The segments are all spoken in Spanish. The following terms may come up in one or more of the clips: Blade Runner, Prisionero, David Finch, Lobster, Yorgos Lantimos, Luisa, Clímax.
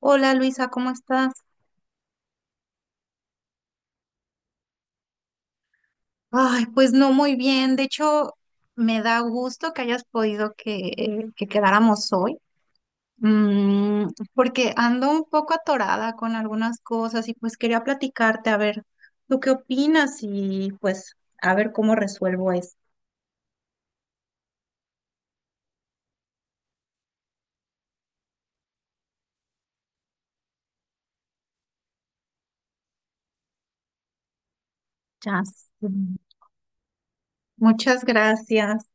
Hola Luisa, ¿cómo estás? Ay, pues no muy bien. De hecho, me da gusto que hayas podido que quedáramos hoy. Mm, Porque ando un poco atorada con algunas cosas y pues quería platicarte a ver, ¿tú qué opinas? Y pues a ver cómo resuelvo esto. Ya sé. Muchas gracias.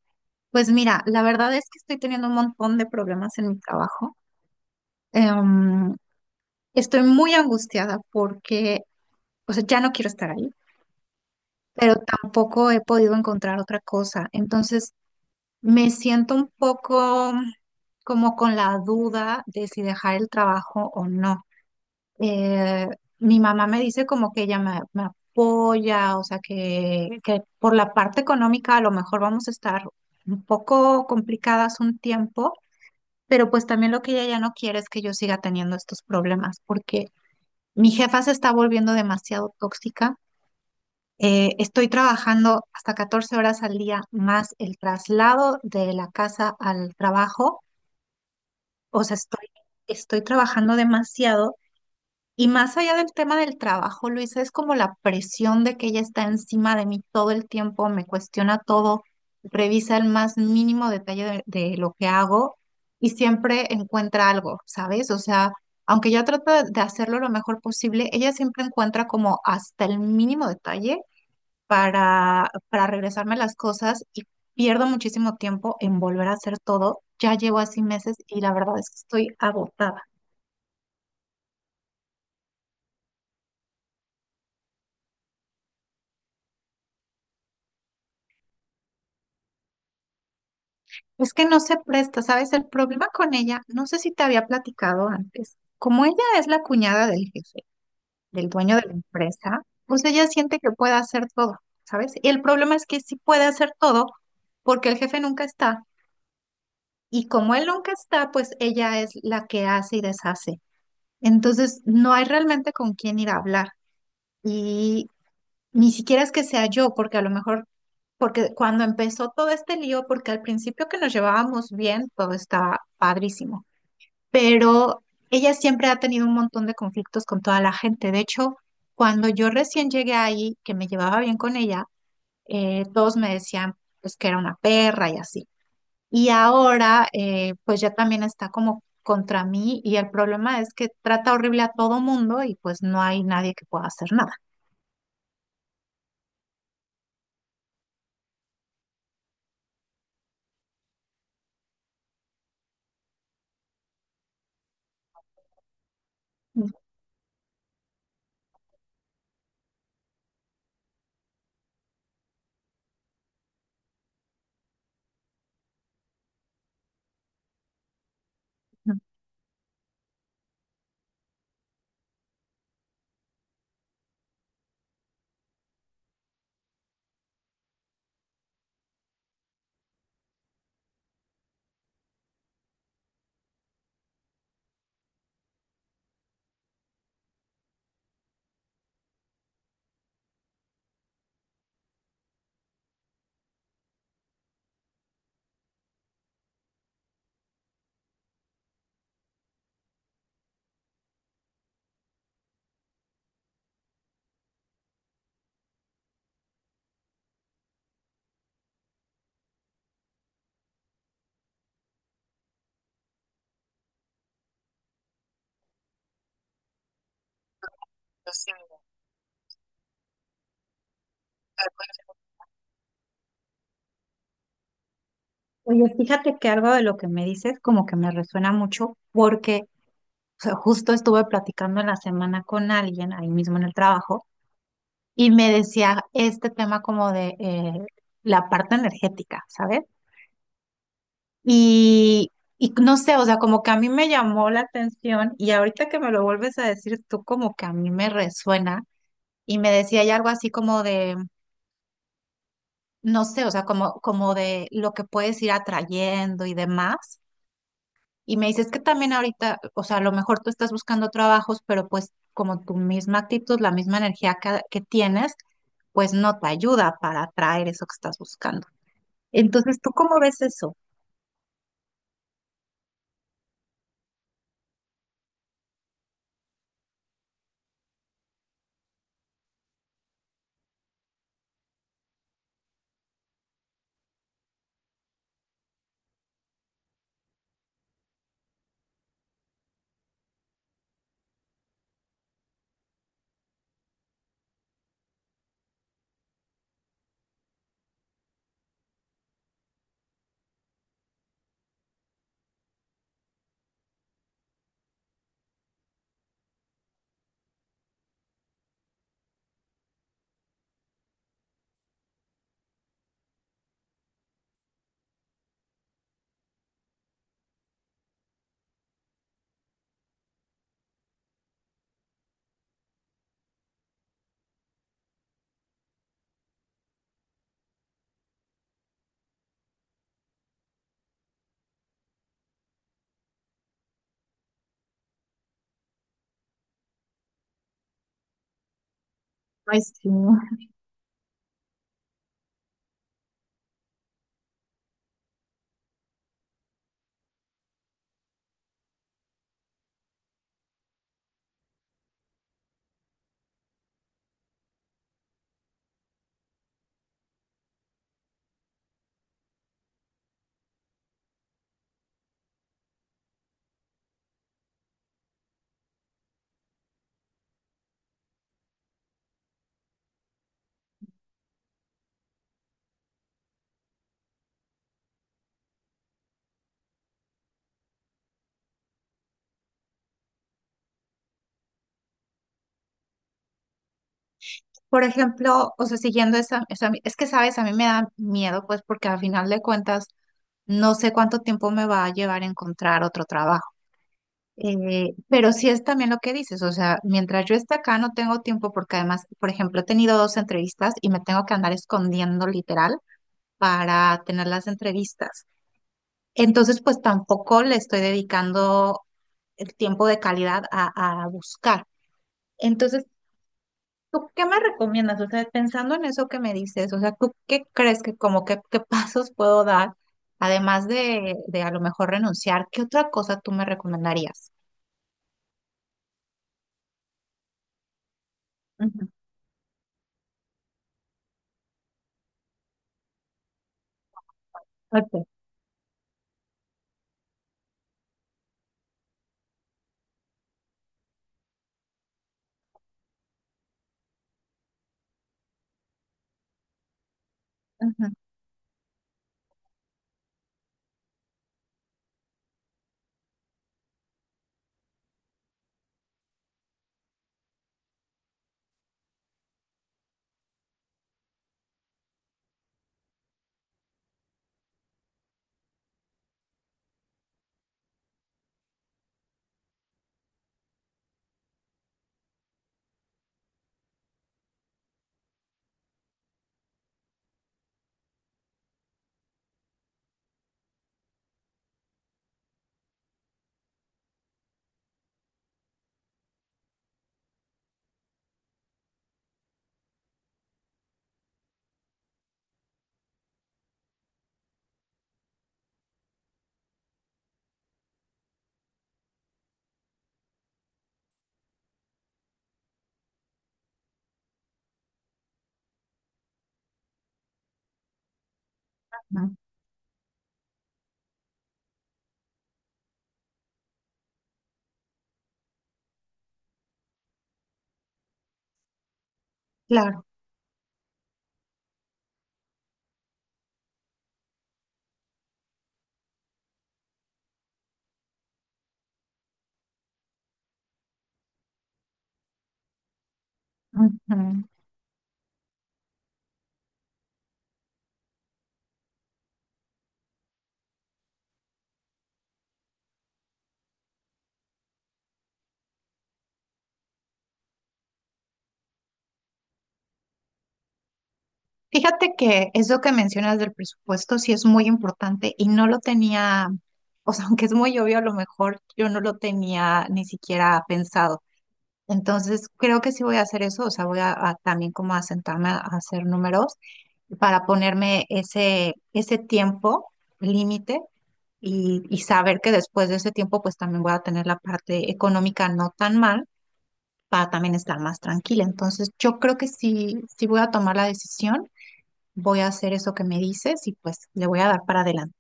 Pues mira, la verdad es que estoy teniendo un montón de problemas en mi trabajo. Em, Estoy muy angustiada porque, o sea, ya no quiero estar ahí, pero tampoco he podido encontrar otra cosa. Entonces, me siento un poco como con la duda de si dejar el trabajo o no. Eh, Mi mamá me dice como que ella me apoya, o sea, que por la parte económica a lo mejor vamos a estar un poco complicadas un tiempo, pero pues también lo que ella ya no quiere es que yo siga teniendo estos problemas, porque mi jefa se está volviendo demasiado tóxica. Estoy trabajando hasta 14 horas al día más el traslado de la casa al trabajo. O sea, estoy trabajando demasiado. Y más allá del tema del trabajo, Luisa, es como la presión de que ella está encima de mí todo el tiempo, me cuestiona todo, revisa el más mínimo detalle de lo que hago y siempre encuentra algo, ¿sabes? O sea, aunque yo trato de hacerlo lo mejor posible, ella siempre encuentra como hasta el mínimo detalle para regresarme las cosas y pierdo muchísimo tiempo en volver a hacer todo. Ya llevo así meses y la verdad es que estoy agotada. Es que no se presta, ¿sabes? El problema con ella, no sé si te había platicado antes, como ella es la cuñada del jefe, del dueño de la empresa, pues ella siente que puede hacer todo, ¿sabes? Y el problema es que sí puede hacer todo porque el jefe nunca está. Y como él nunca está, pues ella es la que hace y deshace. Entonces, no hay realmente con quién ir a hablar. Y ni siquiera es que sea yo, porque a lo mejor, porque cuando empezó todo este lío, porque al principio que nos llevábamos bien, todo estaba padrísimo, pero ella siempre ha tenido un montón de conflictos con toda la gente. De hecho, cuando yo recién llegué ahí, que me llevaba bien con ella, todos me decían pues que era una perra y así. Y ahora, pues ya también está como contra mí, y el problema es que trata horrible a todo mundo y pues no hay nadie que pueda hacer nada. Oye, fíjate que algo de lo que me dices como que me resuena mucho porque, o sea, justo estuve platicando en la semana con alguien ahí mismo en el trabajo, y me decía este tema como de la parte energética, ¿sabes? Y, y no sé, o sea, como que a mí me llamó la atención, y ahorita que me lo vuelves a decir tú como que a mí me resuena, y me decía ya algo así como de, no sé, o sea, como de lo que puedes ir atrayendo y demás. Y me dices que también ahorita, o sea, a lo mejor tú estás buscando trabajos, pero pues como tu misma actitud, la misma energía que tienes, pues no te ayuda para atraer eso que estás buscando. Entonces, ¿tú cómo ves eso? Ay, sí. Por ejemplo, o sea, siguiendo es que sabes, a mí me da miedo, pues porque al final de cuentas no sé cuánto tiempo me va a llevar encontrar otro trabajo. Pero sí es también lo que dices, o sea, mientras yo esté acá no tengo tiempo porque además, por ejemplo, he tenido dos entrevistas y me tengo que andar escondiendo literal para tener las entrevistas. Entonces, pues tampoco le estoy dedicando el tiempo de calidad a buscar. Entonces, ¿tú qué me recomiendas? O sea, pensando en eso que me dices, o sea, ¿tú qué crees que como que qué pasos puedo dar, además de a lo mejor renunciar? ¿Qué otra cosa tú me recomendarías? Ujú, ok, ujú, ujú. Claro. Ujú. Fíjate que eso que mencionas del presupuesto sí es muy importante y no lo tenía, o sea, aunque es muy obvio, a lo mejor yo no lo tenía ni siquiera pensado. Entonces, creo que sí voy a hacer eso, o sea, voy a también como a sentarme a hacer números para ponerme ese tiempo límite y saber que después de ese tiempo pues también voy a tener la parte económica no tan mal para también estar más tranquila. Entonces, yo creo que sí, sí voy a tomar la decisión, voy a hacer eso que me dices y pues le voy a dar para adelante.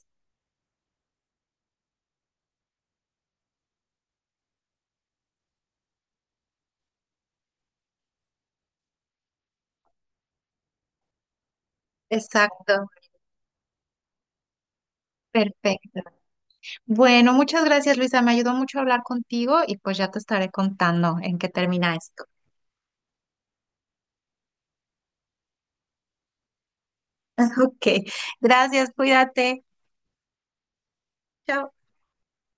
Exacto. Perfecto. Bueno, muchas gracias, Luisa. Me ayudó mucho hablar contigo y pues ya te estaré contando en qué termina esto. Ok, gracias, cuídate. Chao.